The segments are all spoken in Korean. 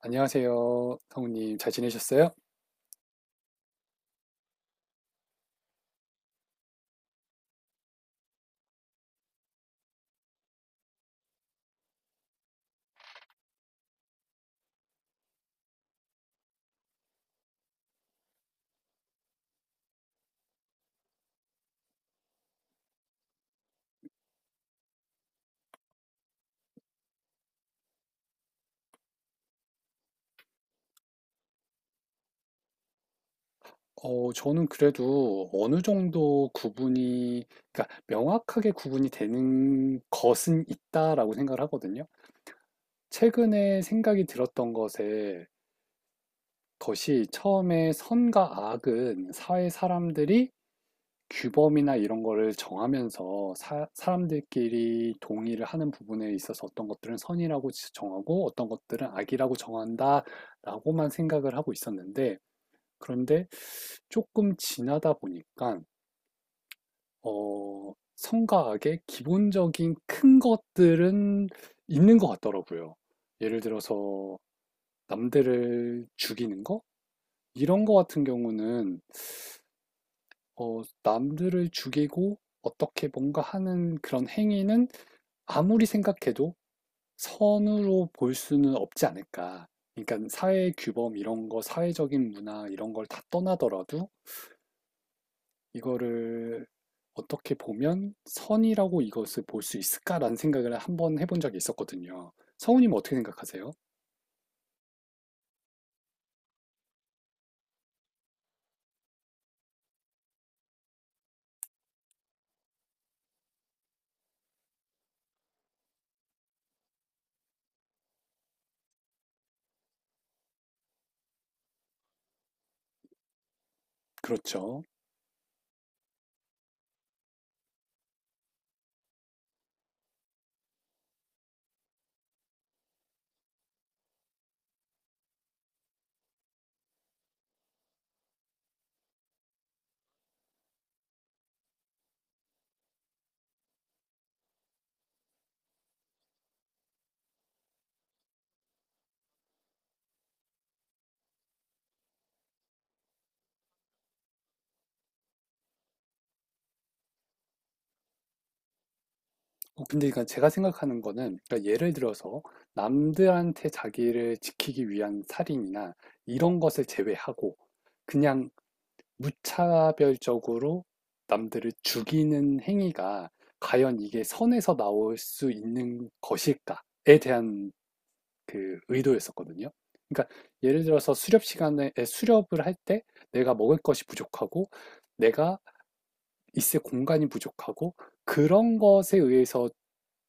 안녕하세요, 성우님. 잘 지내셨어요? 저는 그래도 어느 정도 구분이, 그러니까 명확하게 구분이 되는 것은 있다라고 생각을 하거든요. 최근에 생각이 들었던 것에 것이 처음에 선과 악은 사회 사람들이 규범이나 이런 거를 정하면서 사람들끼리 동의를 하는 부분에 있어서 어떤 것들은 선이라고 정하고 어떤 것들은 악이라고 정한다라고만 생각을 하고 있었는데 그런데 조금 지나다 보니까 성가학의 기본적인 큰 것들은 있는 것 같더라고요. 예를 들어서 남들을 죽이는 거? 이런 거 같은 경우는 남들을 죽이고 어떻게 뭔가 하는 그런 행위는 아무리 생각해도 선으로 볼 수는 없지 않을까. 그러니까 사회 규범 이런 거, 사회적인 문화 이런 걸 다 떠나더라도 이거를 어떻게 보면 선이라고 이것을 볼 수 있을까라는 생각을 한번 해본 적이 있었거든요. 성우님 어떻게 생각하세요? 그렇죠. 근데 그러니까 제가 생각하는 거는 그러니까 예를 들어서 남들한테 자기를 지키기 위한 살인이나 이런 것을 제외하고 그냥 무차별적으로 남들을 죽이는 행위가 과연 이게 선에서 나올 수 있는 것일까에 대한 그 의도였었거든요. 그러니까 예를 들어서 수렵 시간에 수렵을 할 때 내가 먹을 것이 부족하고 내가 있을 공간이 부족하고 그런 것에 의해서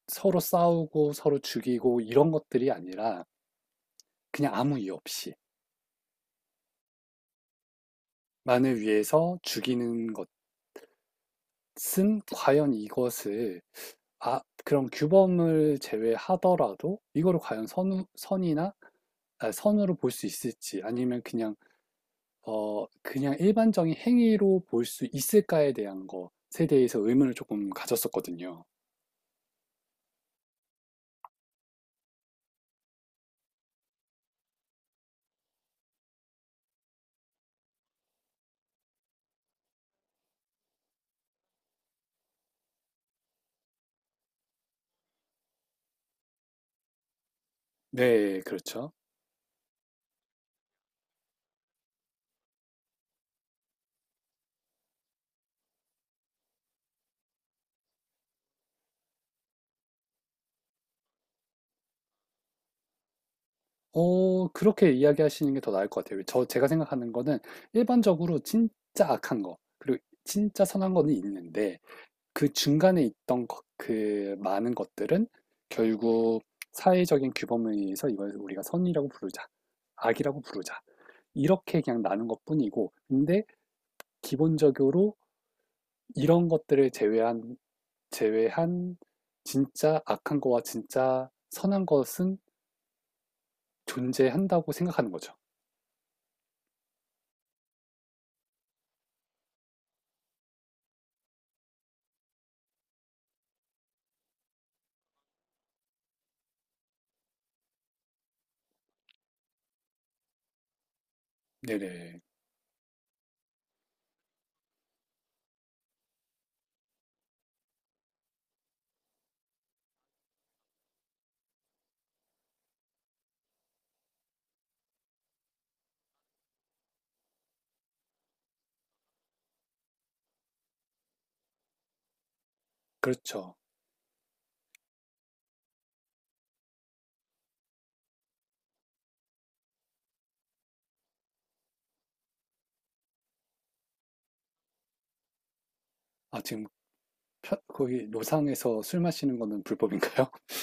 서로 싸우고 서로 죽이고 이런 것들이 아니라 그냥 아무 이유 없이 만을 위해서 죽이는 것은 과연 이것을 아 그런 규범을 제외하더라도 이거를 과연 선 선이나 아, 선으로 볼 수 있을지 아니면 그냥 그냥 일반적인 행위로 볼 수 있을까에 대한 것에 대해서 의문을 조금 가졌었거든요. 네, 그렇죠. 그렇게 이야기하시는 게 더 나을 것 같아요. 제가 생각하는 거는 일반적으로 진짜 악한 거 그리고 진짜 선한 거는 있는데 그 중간에 있던 것 그 많은 것들은 결국 사회적인 규범에 의해서 이걸 우리가 '선이라고 부르자. 악이라고 부르자.' 이렇게 그냥 나눈 것뿐이고 근데 기본적으로 이런 것들을 제외한 제외한 진짜 악한 거와 진짜 선한 것은 존재한다고 생각하는 거죠. 네네. 그렇죠. 아, 지금 거기 노상에서 술 마시는 거는 불법인가요?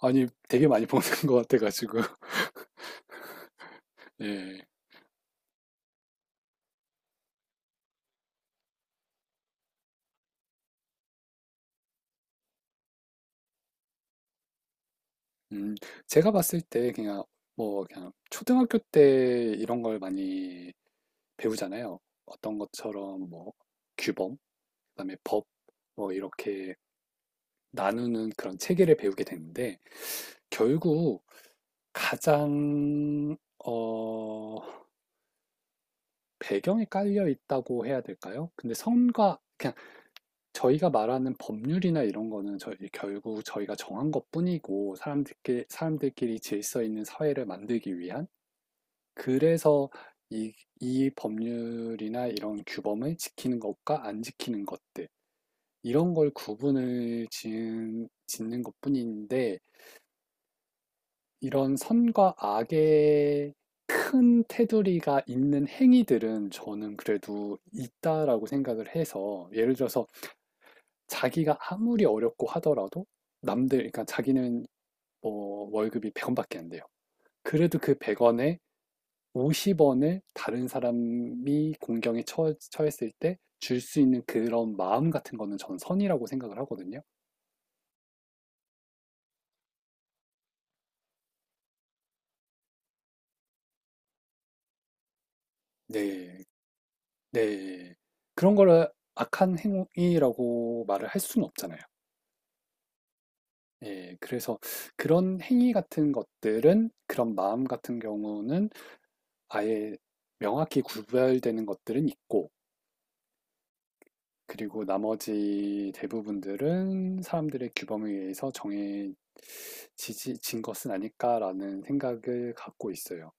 아니, 되게 많이 보는 것 같아가지고. 예. 음, 제가 봤을 때 그냥 뭐 그냥 초등학교 때 이런 걸 많이 배우잖아요. 어떤 것처럼 뭐 규범, 그다음에 법, 뭐 이렇게 나누는 그런 체계를 배우게 되는데 결국 가장 어, 배경에 깔려 있다고 해야 될까요? 근데 선과 그냥 저희가 말하는 법률이나 이런 거는 저희 결국 저희가 정한 것뿐이고 사람들끼리 질서 있는 사회를 만들기 위한 그래서 이, 이 법률이나 이런 규범을 지키는 것과 안 지키는 것들 이런 걸 구분을 짓는 것뿐인데 이런 선과 악의 큰 테두리가 있는 행위들은 저는 그래도 있다라고 생각을 해서 예를 들어서 자기가 아무리 어렵고 하더라도 남들, 그러니까 자기는 뭐 월급이 100원밖에 안 돼요. 그래도 그 100원에 50원을 다른 사람이 공경에 처했을 때 줄 수 있는 그런 마음 같은 거는 전 선이라고 생각을 하거든요. 네, 네. 그런 거를 악한 행위라고 말을 할 수는 없잖아요. 예, 그래서 그런 행위 같은 것들은 그런 마음 같은 경우는 아예 명확히 구별되는 것들은 있고, 그리고 나머지 대부분들은 사람들의 규범에 의해서 정해진 것은 아닐까라는 생각을 갖고 있어요.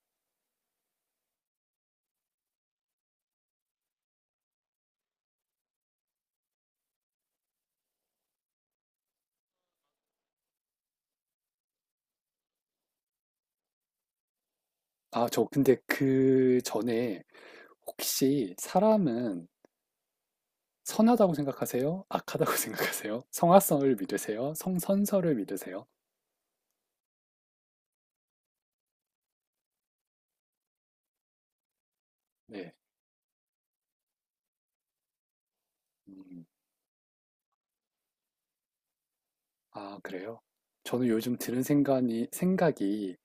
아, 근데 그 전에 혹시 사람은 선하다고 생각하세요? 악하다고 생각하세요? 성악성을 믿으세요? 성선설을 믿으세요? 네. 음. 아, 그래요? 저는 요즘 드는 생각이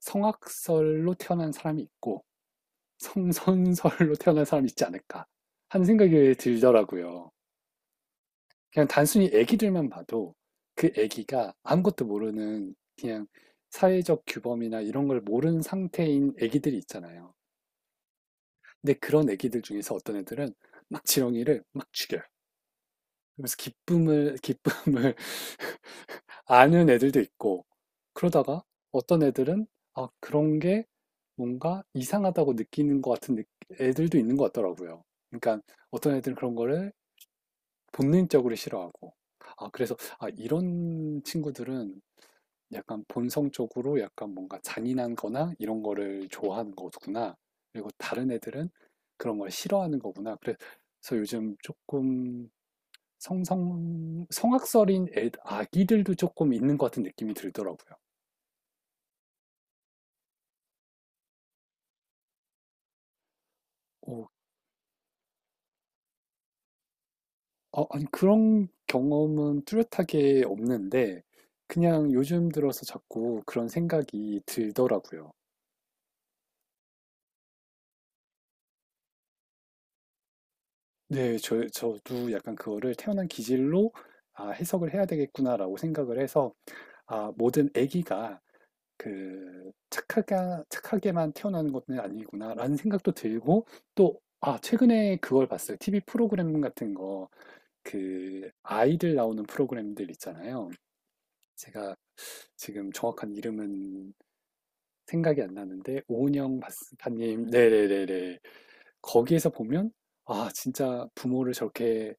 성악설로 태어난 사람이 있고 성선설로 태어난 사람이 있지 않을까 하는 생각이 들더라고요. 그냥 단순히 애기들만 봐도 그 애기가 아무것도 모르는 그냥 사회적 규범이나 이런 걸 모르는 상태인 애기들이 있잖아요. 근데 그런 애기들 중에서 어떤 애들은 막 지렁이를 막 죽여요. 그러면서 기쁨을 아는 애들도 있고, 그러다가 어떤 애들은, 아, 그런 게 뭔가 이상하다고 느끼는 것 같은 애들도 있는 것 같더라고요. 그러니까 어떤 애들은 그런 거를 본능적으로 싫어하고, 아, 그래서, 아, 이런 친구들은 약간 본성적으로 약간 뭔가 잔인한 거나 이런 거를 좋아하는 거구나. 그리고 다른 애들은 그런 걸 싫어하는 거구나. 그래서 요즘 조금 아기들도 조금 있는 것 같은 느낌이 들더라고요. 어, 아니, 그런 경험은 뚜렷하게 없는데, 그냥 요즘 들어서 자꾸 그런 생각이 들더라고요. 네, 저도 약간 그거를 태어난 기질로, 아, 해석을 해야 되겠구나라고 생각을 해서, 아, 모든 아기가 그 착하게만 태어나는 것은 아니구나라는 생각도 들고, 또, 최근에 그걸 봤어요. TV 프로그램 같은 거, 그, 아이들 나오는 프로그램들 있잖아요. 제가 지금 정확한 이름은 생각이 안 나는데 오은영 박사님 네네네네 거기에서 보면 아 진짜 부모를 저렇게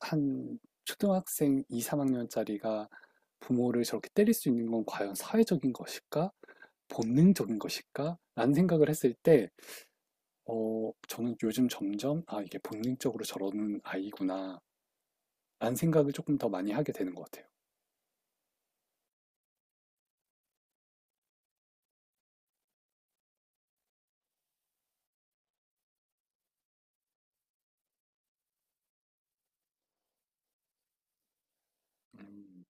한 초등학생 2, 3학년짜리가 부모를 저렇게 때릴 수 있는 건 과연 사회적인 것일까? 본능적인 것일까? 라는 생각을 했을 때, 어, 저는 요즘 점점, 아, 이게 본능적으로 저러는 아이구나. 라는 생각을 조금 더 많이 하게 되는 것 같아요. 음,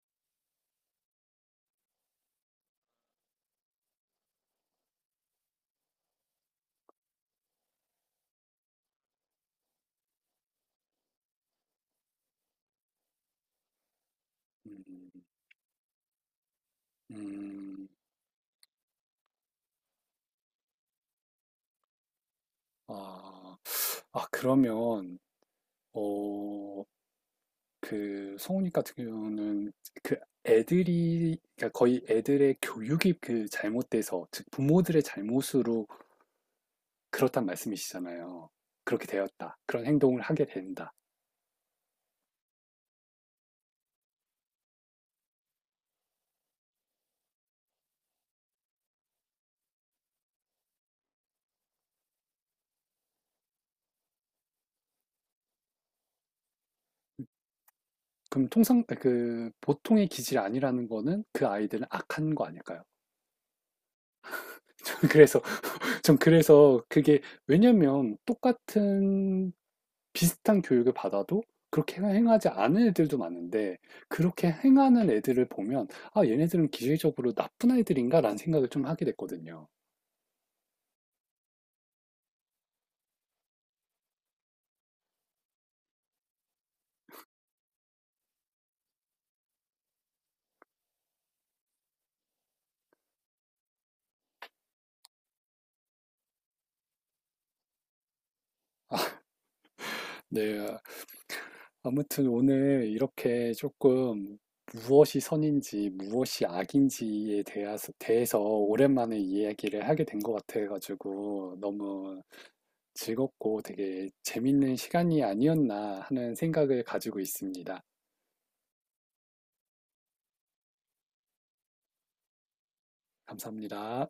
음, 음, 아, 아, 그러면, 어, 성우님 같은 경우는 그 애들이, 그러니까 거의 애들의 교육이 그 잘못돼서, 즉, 부모들의 잘못으로 그렇단 말씀이시잖아요. 그렇게 되었다. 그런 행동을 하게 된다. 그럼 통상, 그, 보통의 기질이 아니라는 거는 그 아이들은 악한 거 아닐까요? 저는 그래서 전 그래서 그게 왜냐면 똑같은 비슷한 교육을 받아도 그렇게 행하지 않은 애들도 많은데 그렇게 행하는 애들을 보면 아 얘네들은 기질적으로 나쁜 아이들인가라는 생각을 좀 하게 됐거든요. 네. 아무튼 오늘 이렇게 조금 무엇이 선인지 무엇이 악인지에 대해서 오랜만에 이야기를 하게 된 것 같아가지고 너무 즐겁고 되게 재밌는 시간이 아니었나 하는 생각을 가지고 있습니다. 감사합니다.